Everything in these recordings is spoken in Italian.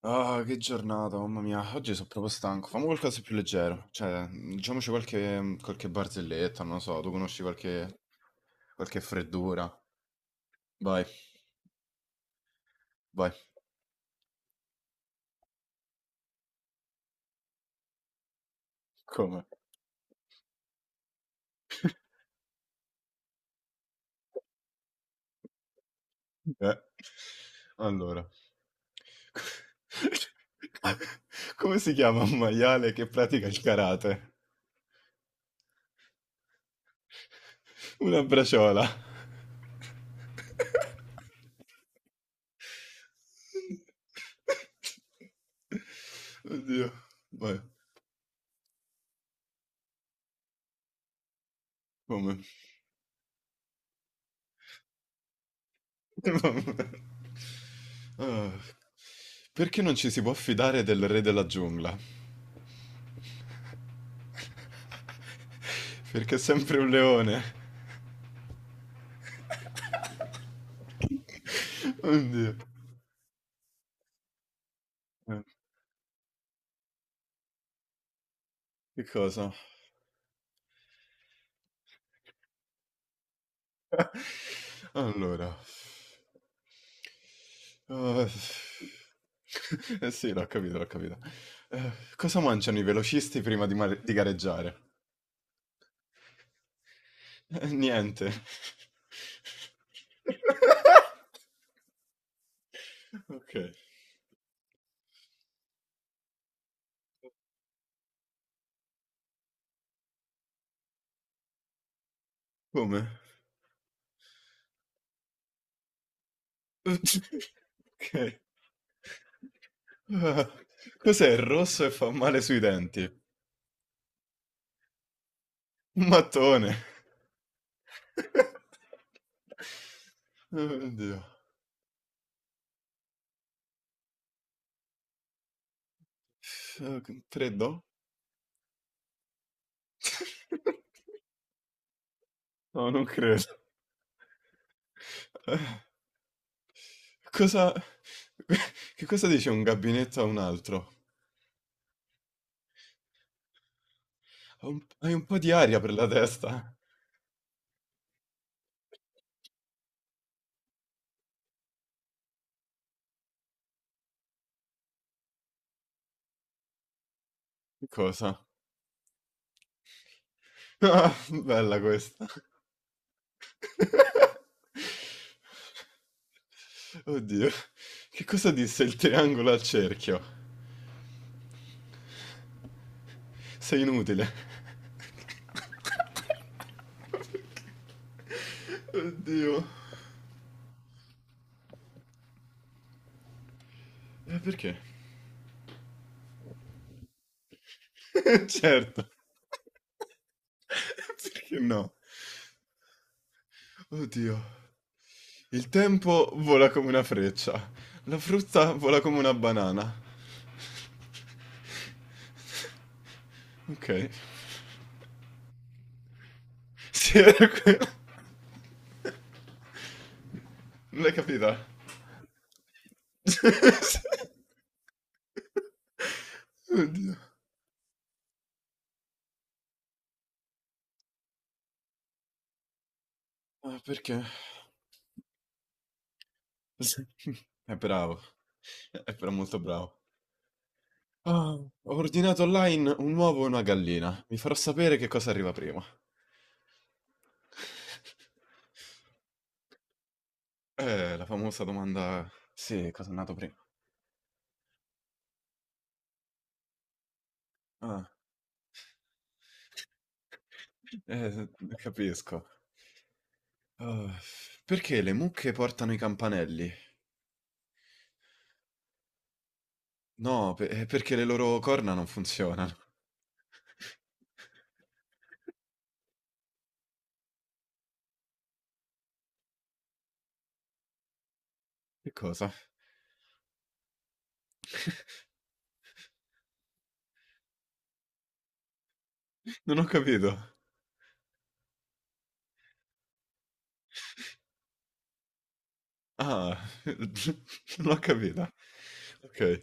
Ah, che giornata, mamma mia, oggi sono proprio stanco. Fammi qualcosa di più leggero. Cioè, diciamoci qualche barzelletta, non lo so, tu conosci qualche freddura. Vai, vai, come? Eh, Allora, come si chiama un maiale che pratica il karate? Una braciola. Oddio, vai, come? Ah, perché non ci si può fidare del re della giungla? Perché è sempre un leone. Oddio. Eh, Che cosa? Allora. Ah, eh sì, l'ho capito, l'ho capito. Eh, cosa mangiano i velocisti prima di gareggiare? Niente. Okay. Come? Okay. Ah, cos'è il rosso e fa male sui denti? Un mattone. Oddio. Tre do? No, non credo. Eh, Cosa... Che cosa dice un gabinetto a un altro? Hai un po' di aria per la testa. Cosa? Ah, bella questa. Oddio. Che cosa disse il triangolo al cerchio? Sei inutile. Oddio. E perché? Certo. Perché no? Oddio. Il tempo vola come una freccia. La frutta vola come una banana. Ok. Sì, non l'hai capita? Oddio. Ah, perché? È bravo, è però molto bravo. Ah, ho ordinato online un uovo e una gallina. Vi farò sapere che cosa arriva prima. La famosa domanda... Sì, cosa è nato prima? Ah. Eh, capisco. Ah, perché le mucche portano i campanelli? No, è perché le loro corna non funzionano. Che cosa? Non ho capito. Ah, non ho capito. Ok.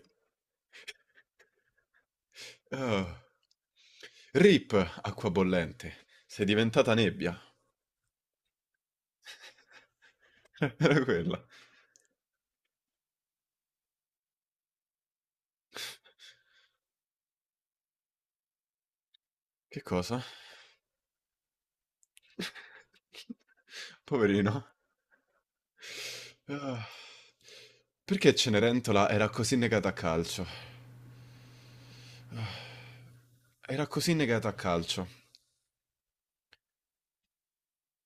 Ah. Rip, acqua bollente. Sei diventata nebbia. Era quella. Che cosa? Poverino. Ah. Perché Cenerentola era così negata a calcio? Ah, era così negata a calcio.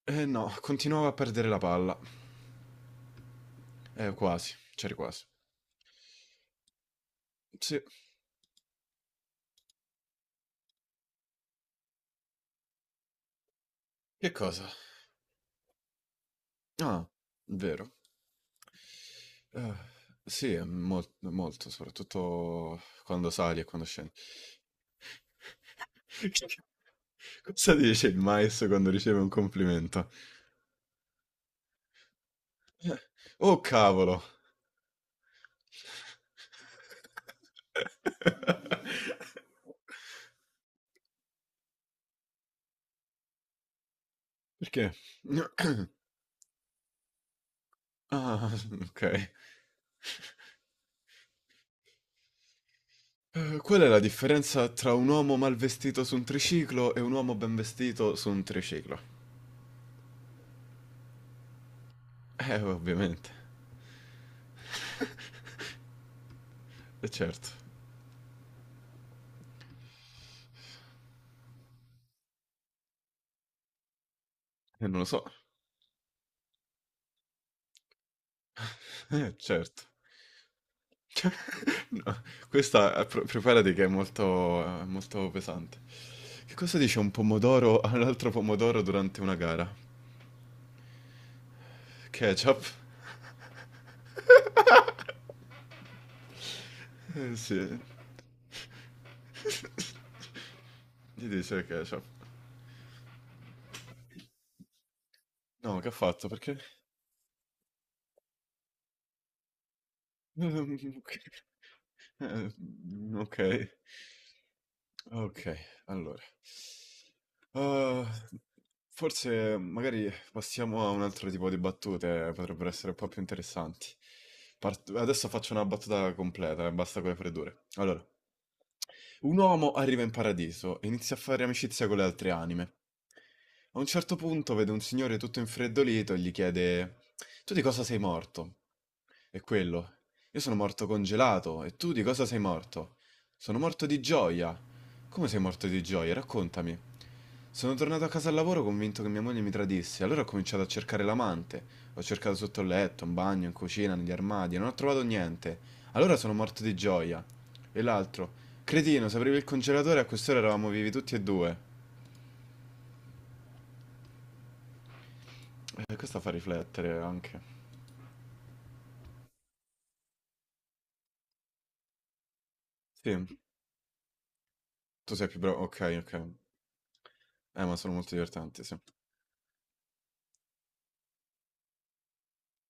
Eh no, continuava a perdere la palla. Quasi. C'eri quasi. Sì. Che cosa? Ah, vero. Eh, sì, è molto, soprattutto quando sali e quando scendi. Cosa dice il maestro quando riceve un complimento? Eh, Oh cavolo! Perché? Ah, ok. Qual è la differenza tra un uomo mal vestito su un triciclo e un uomo ben vestito su un triciclo? Ovviamente. Certo. Non lo so. Certo. No, questa preparati che è molto, molto pesante. Che cosa dice un pomodoro a un altro pomodoro durante una gara? Ketchup? Sì. Gli dice ketchup. No, che ha fatto? Perché? Ok. Mhmm, okay. Okay, allora. Uhm, forse magari passiamo a un altro tipo di battute, potrebbero essere un po' più interessanti. Part adesso faccio una battuta completa, basta con le freddure. Allora, un uomo arriva in paradiso e inizia a fare amicizia con le altre anime. A un certo punto vede un signore tutto infreddolito e gli chiede: "Tu di cosa sei morto?" E quello: io sono morto congelato e tu di cosa sei morto? Sono morto di gioia. Come sei morto di gioia? Raccontami. Sono tornato a casa al lavoro convinto che mia moglie mi tradisse, allora ho cominciato a cercare l'amante. Ho cercato sotto il letto, in bagno, in cucina, negli armadi e non ho trovato niente. Allora sono morto di gioia. E l'altro, cretino, se aprivi il congelatore a quest'ora eravamo vivi tutti e due. Questo fa riflettere anche. Sì, tu sei più bravo. Ok, ok. Ma sono molto divertenti, sì.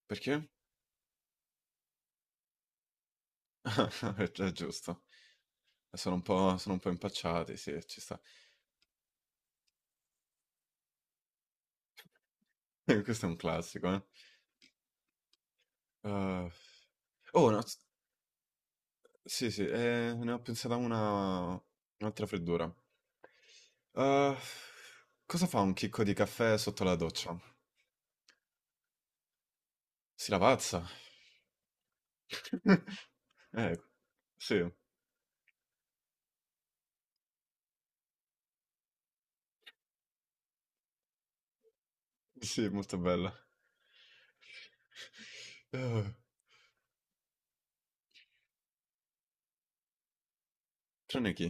Perché? È giusto. E sono un po' impacciati, sì, ci sta. Questo è un classico, eh. Uhm, oh, no s sì, sì, ne ho pensata una un'altra freddura. Uhm, cosa fa un chicco di caffè sotto la doccia? Si lavazza. Eh, sì, sì, molto bella. Trane chi?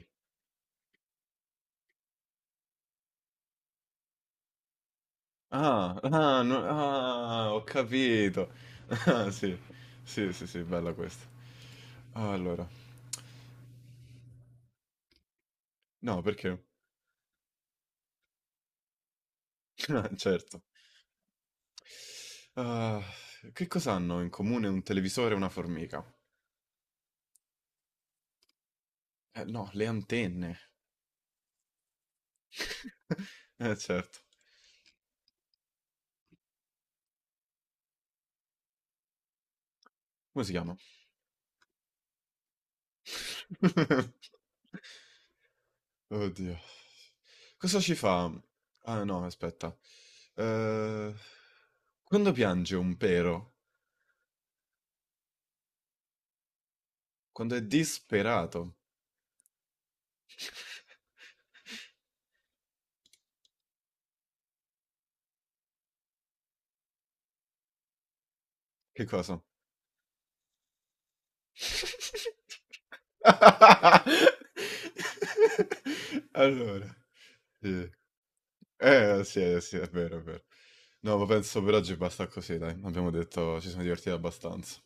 Ah, ho capito. Ah, sì, bella questa. Allora, no, perché? Ah, certo. Ah, che cosa hanno in comune un televisore e una formica? No, le antenne. Certo. Come si chiama? Oddio. Cosa ci fa? Ah, no, aspetta. Eh, quando piange un pero? Quando è disperato. Che cosa? Allora, sì. Sì, sì, è vero, è vero. No, ma penso per oggi basta così, dai. Abbiamo detto, ci siamo divertiti abbastanza.